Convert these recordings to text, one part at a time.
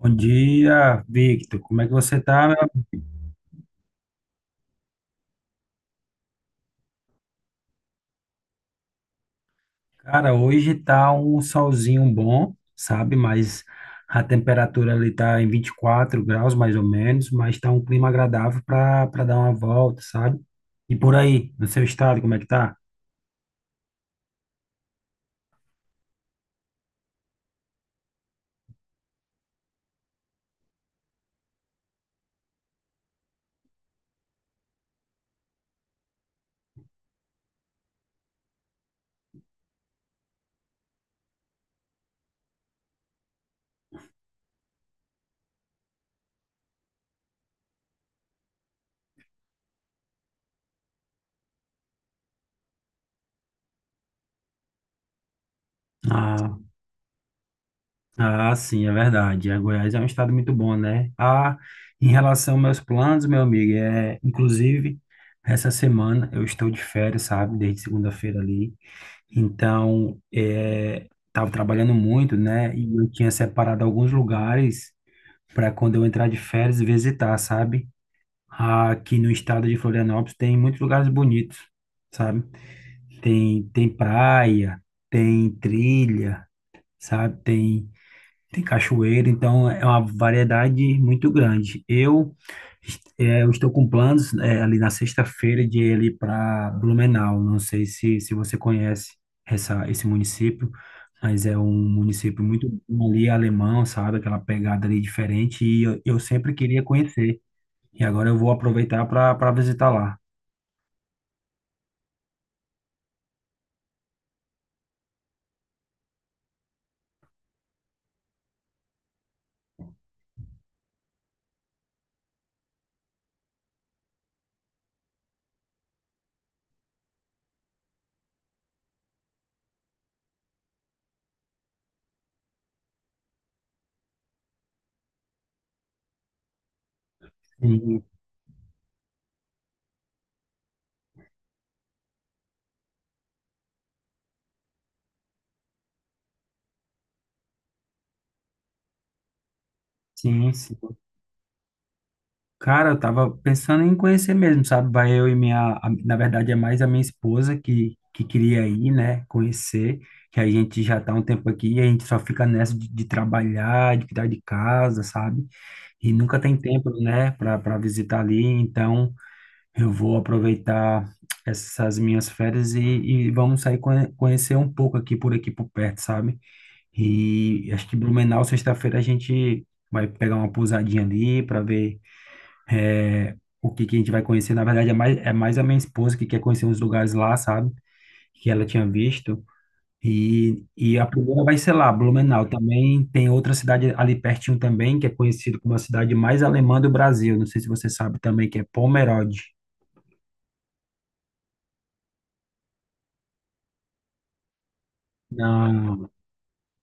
Bom dia, Victor. Como é que você tá? Meu? Cara, hoje tá um solzinho bom, sabe? Mas a temperatura ali tá em 24 graus, mais ou menos, mas tá um clima agradável para dar uma volta, sabe? E por aí, no seu estado, como é que tá? Ah, ah, sim, é verdade. A Goiás é um estado muito bom, né? Ah, em relação aos meus planos, meu amigo, é, inclusive, essa semana eu estou de férias, sabe? Desde segunda-feira ali. Então, é, tava trabalhando muito, né? E eu tinha separado alguns lugares para quando eu entrar de férias visitar, sabe? Aqui no estado de Florianópolis tem muitos lugares bonitos, sabe? Tem praia, tem trilha, sabe? Tem cachoeira, então é uma variedade muito grande. Eu estou com planos, ali na sexta-feira de ir ali para Blumenau. Não sei se você conhece esse município, mas é um município muito bom ali alemão, sabe? Aquela pegada ali diferente e eu sempre queria conhecer. E agora eu vou aproveitar para visitar lá. Sim, sim, sim. Cara, eu tava pensando em conhecer mesmo, sabe? Vai eu e na verdade é mais a minha esposa que queria ir, né? Conhecer, que a gente já tá um tempo aqui e a gente só fica nessa de trabalhar, de cuidar de casa, sabe? E nunca tem tempo, né, para visitar ali. Então, eu vou aproveitar essas minhas férias e vamos sair conhecer um pouco aqui por perto, sabe? E acho que Blumenau, sexta-feira, a gente vai pegar uma pousadinha ali para ver é, o que, que a gente vai conhecer. Na verdade, é mais a minha esposa que quer conhecer uns lugares lá, sabe? Que ela tinha visto. E a primeira vai ser lá, Blumenau. Também tem outra cidade ali pertinho também, que é conhecido como a cidade mais alemã do Brasil. Não sei se você sabe também, que é Pomerode. Não,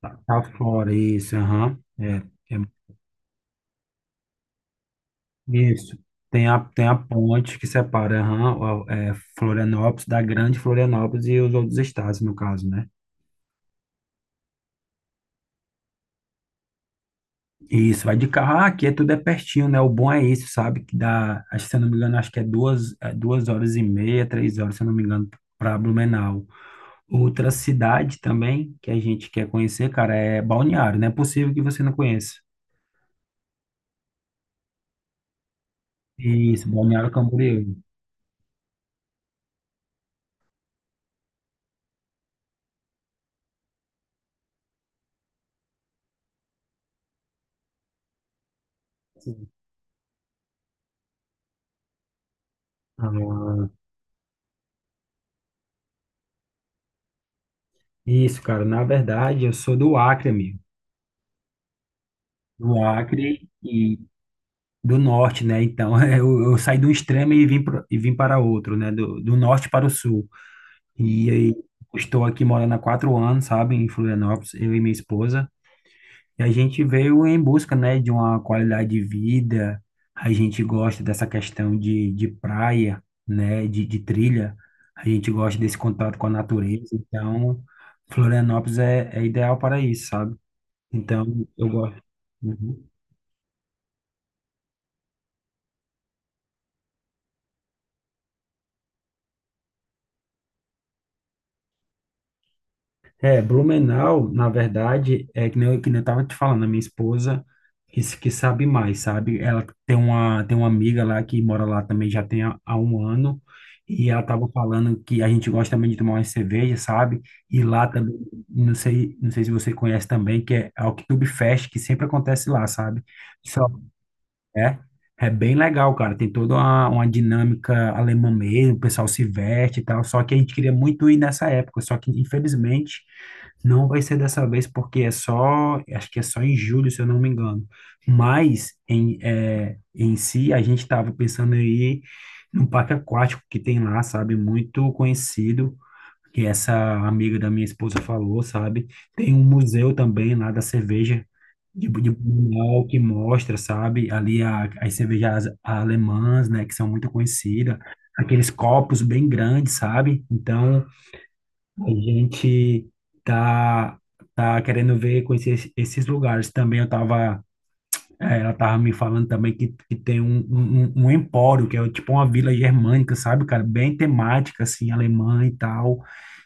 tá fora, isso, aham. É, é, isso. Tem a ponte que separa, aham, Florianópolis, da Grande Florianópolis e os outros estados, no caso, né? Isso, vai de carro. Ah, aqui é tudo é pertinho, né? O bom é isso, sabe? Que dá, acho, que, se eu não me engano, acho que é 2 horas e meia, 3 horas, se eu não me engano, para Blumenau. Outra cidade também que a gente quer conhecer, cara, é Balneário. Não é possível que você não conheça. Isso, Balneário Camboriú. Sim. Ah, isso, cara. Na verdade, eu sou do Acre, amigo. Do Acre e do norte, né? Então, eu saí de um extremo e vim para outro, né? Do norte para o sul. E aí, estou aqui morando há 4 anos, sabe, em Florianópolis, eu e minha esposa. E a gente veio em busca, né, de uma qualidade de vida. A gente gosta dessa questão de praia, né, de trilha. A gente gosta desse contato com a natureza. Então, Florianópolis é ideal para isso, sabe? Então, eu gosto. Uhum. É, Blumenau, na verdade, é que nem eu, tava te falando, a minha esposa que sabe mais, sabe? Ela tem uma amiga lá que mora lá também já tem há um ano, e ela tava falando que a gente gosta também de tomar uma cerveja, sabe? E lá também, não sei se você conhece também, que é a Oktoberfest, que sempre acontece lá, sabe? Só é, é bem legal, cara, tem toda uma dinâmica alemã mesmo, o pessoal se veste e tal, só que a gente queria muito ir nessa época, só que infelizmente não vai ser dessa vez porque é só, acho que é só em julho, se eu não me engano. Mas em si a gente estava pensando aí no parque aquático que tem lá, sabe? Muito conhecido, que essa amiga da minha esposa falou, sabe? Tem um museu também lá da cerveja de Blumenau que mostra, sabe? Ali as cervejas alemãs, né? Que são muito conhecidas, aqueles copos bem grandes, sabe? Então a gente tá, tá querendo ver, conhecer esses lugares. Também ela tava me falando também que tem um empório, que é tipo uma vila germânica, sabe, cara? Bem temática, assim, alemã e tal.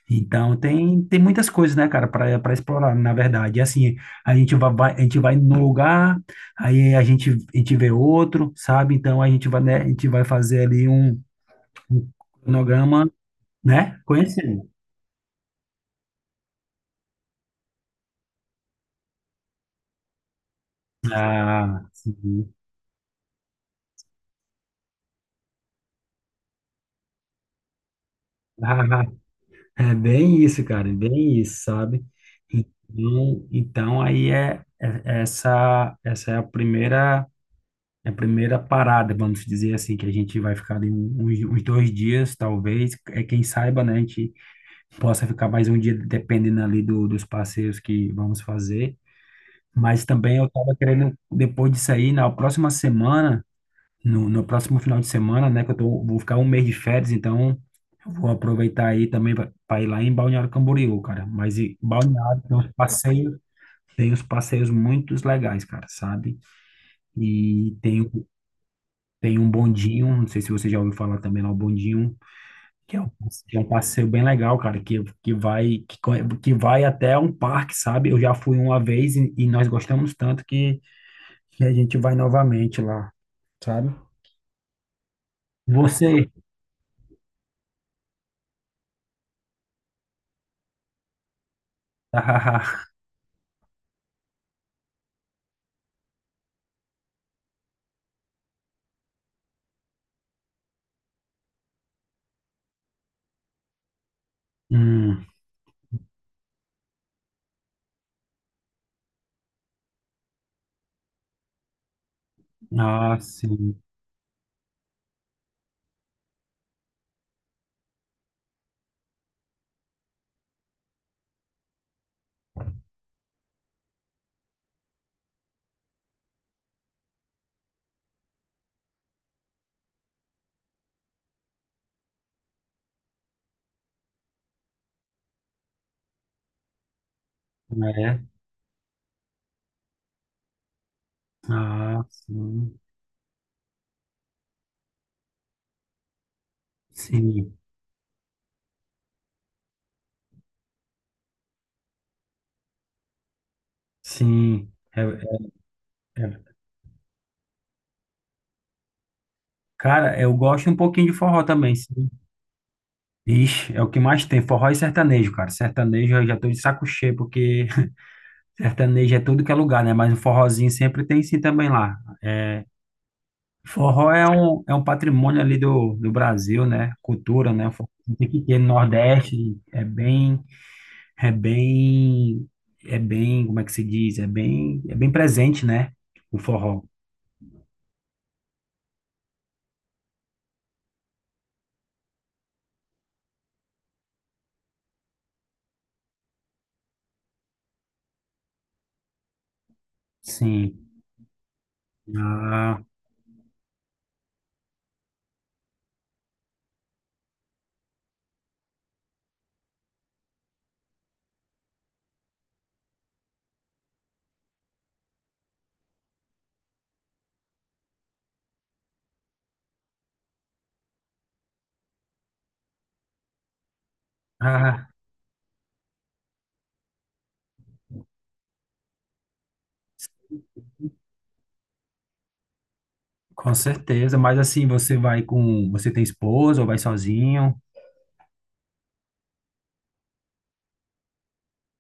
Então tem muitas coisas, né, cara, para explorar, na verdade. E assim, a gente vai num lugar, aí a gente vê outro, sabe? Então a gente vai, né, a gente vai fazer ali um cronograma, né? Conhecendo. Ah, sim. Ah, é bem isso, cara, é bem isso, sabe? Então aí essa é a primeira parada, vamos dizer assim, que a gente vai ficar ali uns 2 dias, talvez, é quem saiba, né? A gente possa ficar mais um dia, dependendo ali dos passeios que vamos fazer. Mas também eu tava querendo, depois disso aí, na próxima semana no próximo final de semana, né? Que eu vou ficar um mês de férias, então eu vou aproveitar aí também para ir lá em Balneário Camboriú, cara. Mas e, Balneário tem uns passeios muito legais, cara, sabe? E tem um bondinho, não sei se você já ouviu falar também lá, o bondinho, que é um, que é um passeio bem legal, cara, que vai até um parque, sabe? Eu já fui uma vez e nós gostamos tanto que a gente vai novamente lá, sabe? Você. Hum, ah, sim. É. Ah, sim. Sim. Sim. É, é, é. Cara, eu gosto um pouquinho de forró também, sim. Ixi, é o que mais tem, forró e sertanejo, cara. Sertanejo eu já tô de saco cheio, porque sertanejo é tudo que é lugar, né? Mas o forrozinho sempre tem sim também lá. É, forró é um patrimônio ali do Brasil, né? Cultura, né? O forrozinho tem que ter no Nordeste, é bem... É bem, é bem, como é que se diz? É bem presente, né? O forró. Sim. Ah, ah, com certeza. Mas assim, você tem esposa ou vai sozinho?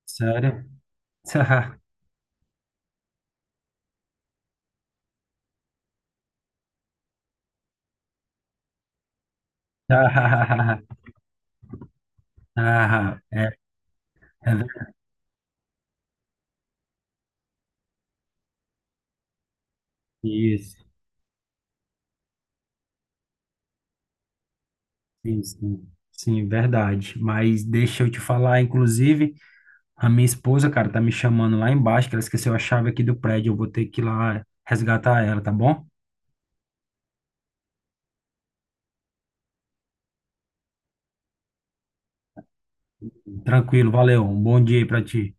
Sério? Ah, ah, é ver- isso. Sim, sim. Sim, verdade. Mas deixa eu te falar, inclusive, a minha esposa, cara, tá me chamando lá embaixo, que ela esqueceu a chave aqui do prédio. Eu vou ter que ir lá resgatar ela, tá bom? Tranquilo, valeu. Um bom dia aí pra ti.